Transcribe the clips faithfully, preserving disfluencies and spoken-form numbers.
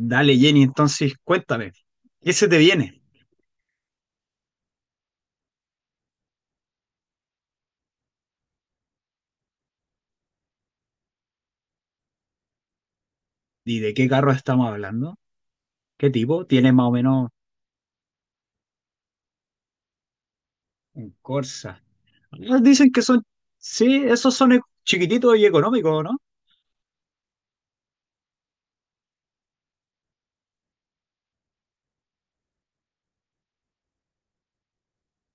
Dale, Jenny, entonces cuéntame, ¿qué se te viene? ¿Y de qué carro estamos hablando? ¿Qué tipo? Tiene más o menos un Corsa. Ah, dicen que son, sí, esos son e- chiquititos y económicos, ¿no?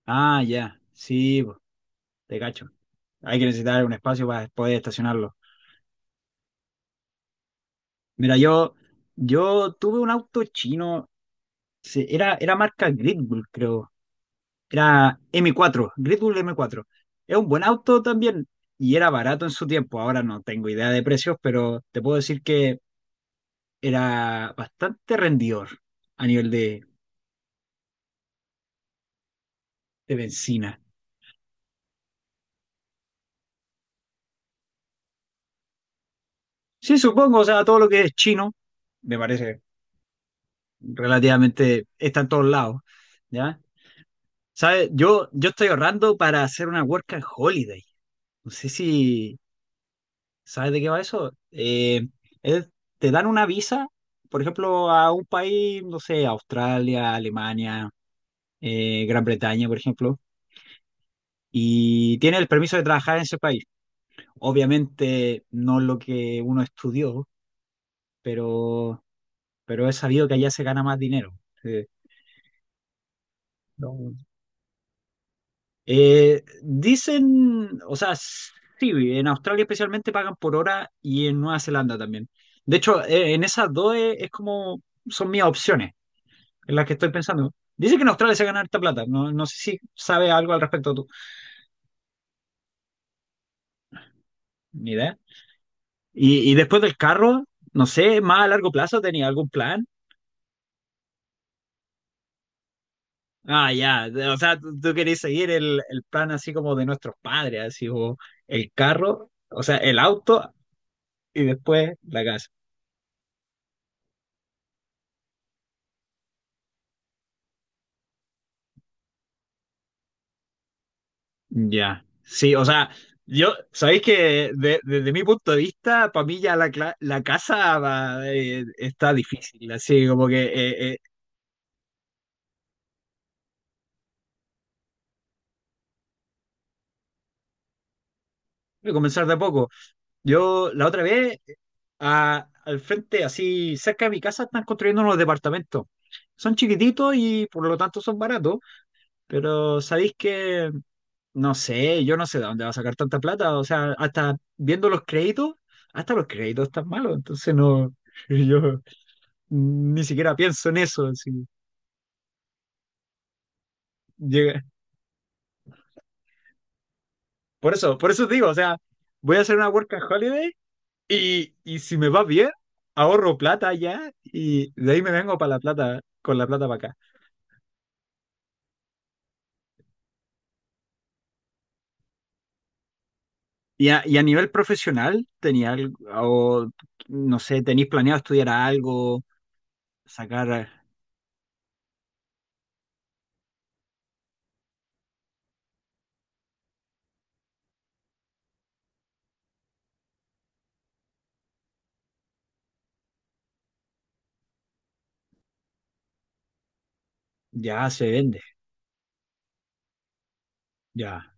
Ah, ya, sí, po, te cacho. Hay que necesitar un espacio para poder estacionarlo. Mira, yo, yo tuve un auto chino, sí, era, era marca Great Bull, creo. Era m cuatro Red Bull m cuatro. Es un buen auto también y era barato en su tiempo. Ahora no tengo idea de precios, pero te puedo decir que era bastante rendidor a nivel de, de benzina. Sí, supongo, o sea, todo lo que es chino me parece relativamente está en todos lados, ¿ya? ¿Sabes? Yo, yo estoy ahorrando para hacer una work and holiday. No sé si ¿sabes de qué va eso? Eh, es- Te dan una visa, por ejemplo, a un país, no sé, Australia, Alemania, eh, Gran Bretaña, por ejemplo, y tiene el permiso de trabajar en ese país. Obviamente no lo que uno estudió, pero, pero he sabido que allá se gana más dinero. Sí. No. Eh, dicen, o sea, sí, en Australia especialmente pagan por hora y en Nueva Zelanda también. De hecho, eh, en esas dos es es como son mis opciones en la que estoy pensando. Dice que en Australia se gana harta plata. No, no sé si sabe algo al respecto tú. Ni idea. Y, y después del carro, no sé, más a largo plazo, ¿tenía algún plan? Ah, ya. O sea, tú, tú querés seguir el, el plan así como de nuestros padres, así o el carro, o sea, el auto y después la casa. Ya. Sí, o sea, yo, sabéis que de- desde mi punto de vista, para mí ya la, cla- la casa va, eh, está difícil, así como que eh, eh, comenzar de a poco. Yo la otra vez, a- al frente, así cerca de mi casa, están construyendo unos departamentos. Son chiquititos y por lo tanto son baratos, pero sabéis que, no sé, yo no sé de dónde va a sacar tanta plata. O sea, hasta viendo los créditos, hasta los créditos están malos. Entonces no, yo ni siquiera pienso en eso. Así, llega- por eso, por eso digo, o sea, voy a hacer una work and holiday. Y, y si me va bien, ahorro plata allá y de ahí me vengo para la plata, con la plata para acá. Y a, y a nivel profesional, tenía algo, o, no sé, tenéis planeado estudiar algo, sacar, ya se vende, ya.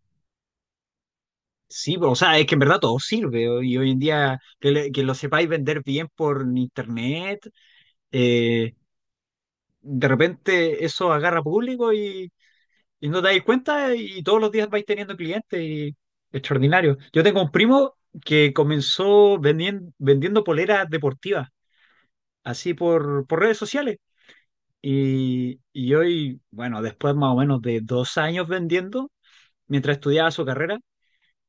Sí, o sea, es que en verdad todo sirve o- y hoy en día que, le- que lo sepáis vender bien por internet, eh, de repente eso agarra público. Y no te dais cuenta y todos los días vais teniendo clientes y extraordinario. Yo tengo un primo que comenzó vendiendo, vendiendo poleras deportivas, así por, por redes sociales. Y, y hoy, bueno, después más o menos de dos años vendiendo, mientras estudiaba su carrera,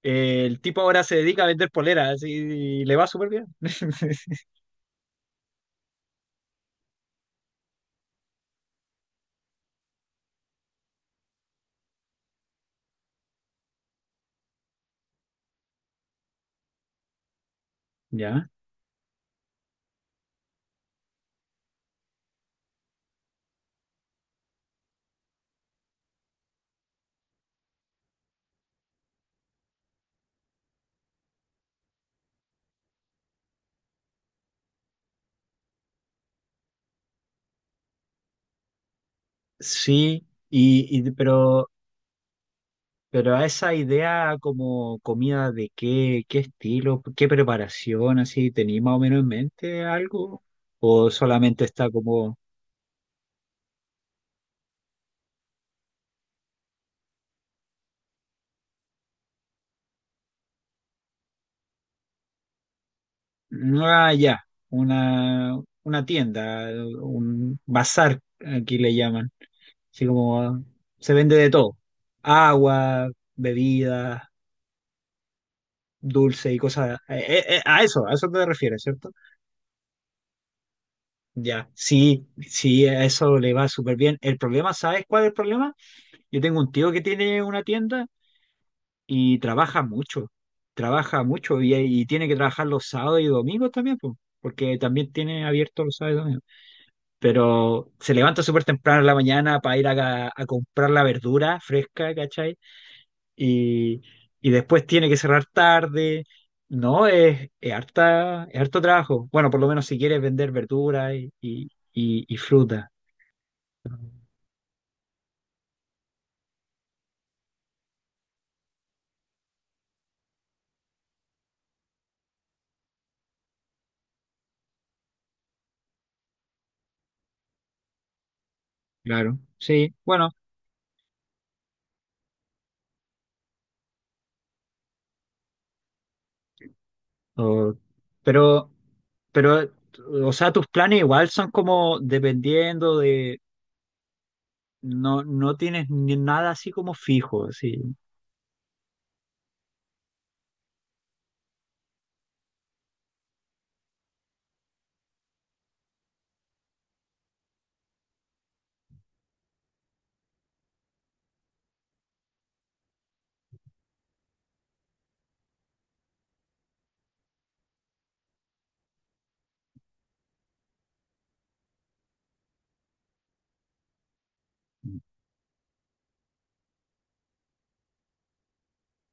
eh, el tipo ahora se dedica a vender poleras y, y le va súper bien. Ya. Sí, y, y- pero Pero a esa idea como comida de qué, qué estilo, qué preparación, así, ¿tenéis más o menos en mente algo? ¿O solamente está como, "Mm, ah, ya, una, una tienda, un bazar, aquí le llaman, así como se vende de todo, agua, bebidas, dulce y cosas, eh, eh, eh, a eso, a eso te refieres, ¿cierto? Ya, sí, sí, a eso le va súper bien. El problema, ¿sabes cuál es el problema? Yo tengo un tío que tiene una tienda y trabaja mucho, trabaja mucho y, y tiene que trabajar los sábados y domingos también, po, porque también tiene abierto los sábados y domingos. Pero se levanta súper temprano en la mañana para ir a, a comprar la verdura fresca, ¿cachai? Y, y después tiene que cerrar tarde. No, es, es harta, es harto trabajo. Bueno, por lo menos si quieres vender verdura y, y, y- y fruta, claro. Sí, bueno, O- pero, pero, o sea, tus planes igual son como dependiendo de, no, no tienes ni nada así como fijo, sí.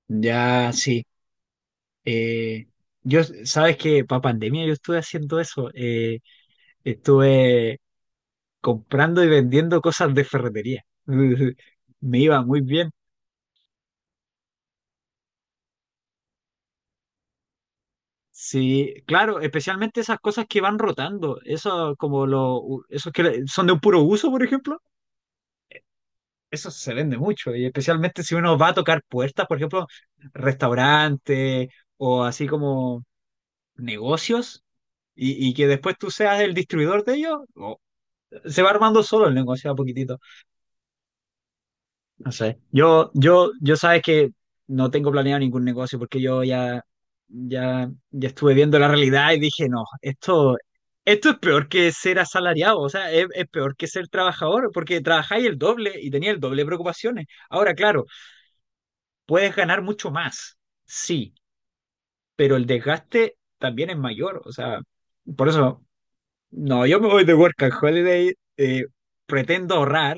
Ya, sí. Eh, yo, sabes que para pandemia yo estuve haciendo eso. Eh, estuve comprando y vendiendo cosas de ferretería. Me iba muy bien. Sí, claro, especialmente esas cosas que van rotando, eso como lo, esos que son de un puro uso, por ejemplo. Eso se vende mucho, y especialmente si uno va a tocar puertas, por ejemplo, restaurantes o así como negocios, y, y que después tú seas el distribuidor de ellos, o- se va armando solo el negocio a poquitito. No sé. Yo, yo, yo sabes que no tengo planeado ningún negocio porque yo ya, ya, ya estuve viendo la realidad y dije, no, esto, esto es peor que ser asalariado, o sea, es, es peor que ser trabajador, porque trabajáis el doble y tenía el doble de preocupaciones. Ahora, claro. Puedes ganar mucho más, sí, pero el desgaste también es mayor. O sea, por eso, no, yo me voy de work and holiday, eh, pretendo ahorrar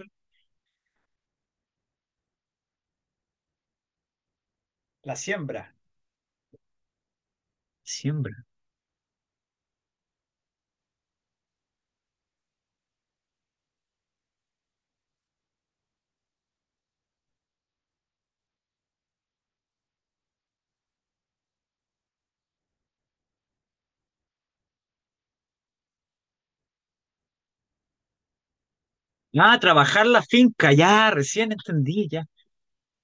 la siembra. Siembra. Ah, trabajar la finca, ya, recién entendí, ya.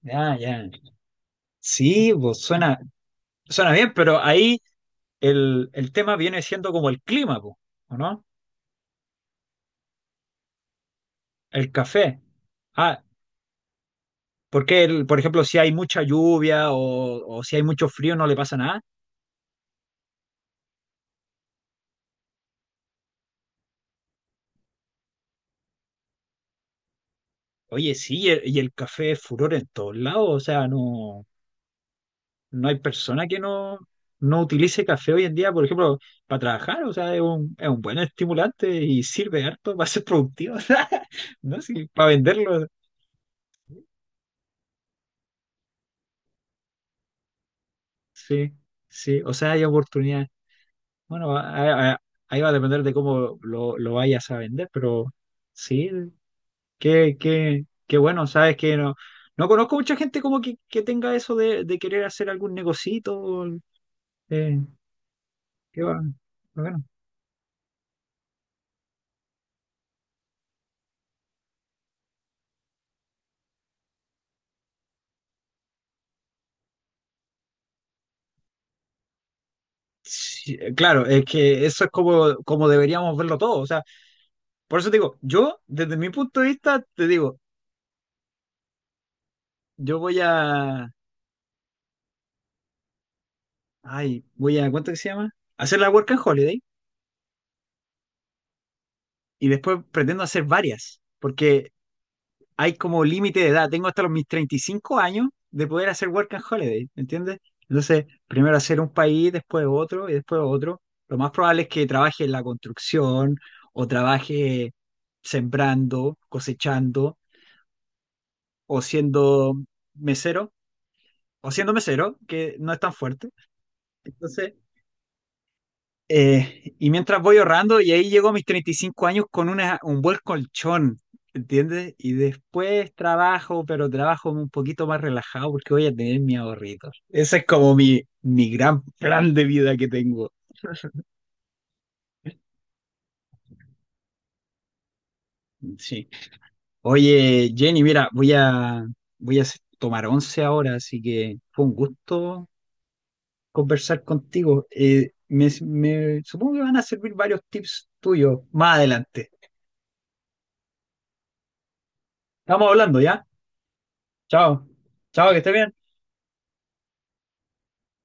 Ya, ya. Sí, pues suena, suena bien, pero ahí el, el tema viene siendo como el clima, pues, ¿o no? El café. Ah, porque, el- por ejemplo, si hay mucha lluvia o, o si hay mucho frío, no le pasa nada. Oye, sí, y el, y el café es furor en todos lados, o sea, no, no hay persona que no, no utilice café hoy en día, por ejemplo, para trabajar, o sea, es un, es un buen estimulante y sirve harto para ser productivo, o sea, ¿no? Sí, para venderlo, sí, sí, o sea, hay oportunidad. Bueno, a- a- ahí va a depender de cómo lo, lo vayas a vender, pero sí, qué, qué, qué bueno, sabes que no, no conozco mucha gente como que, que tenga eso de, de querer hacer algún negocito. eh, Qué bueno, qué bueno. Sí, eh, claro, es que eso es como, como deberíamos verlo todo. O sea, por eso te digo, yo, desde mi punto de vista, te digo, yo voy a, ay, voy a, ¿cuánto que se llama? Hacer la work and holiday y después pretendo hacer varias, porque hay como límite de edad. Tengo hasta los mis treinta y cinco años de poder hacer work and holiday, ¿me entiendes? Entonces, primero hacer un país, después otro y después otro. Lo más probable es que trabaje en la construcción o trabaje sembrando, cosechando o siendo mesero, o siendo mesero, que no es tan fuerte. Entonces, eh, y mientras voy ahorrando, y ahí llego a mis treinta y cinco años con una, un buen colchón, ¿entiendes? Y después trabajo, pero trabajo un poquito más relajado porque voy a tener mis ahorritos. Ese es como mi, mi gran plan de vida que tengo. Sí. Oye, Jenny, mira, voy a, voy a tomar once ahora, así que fue un gusto conversar contigo. Eh, me, me- supongo que van a servir varios tips tuyos más adelante. Estamos hablando, ¿ya? Chao. Chao, que estés bien.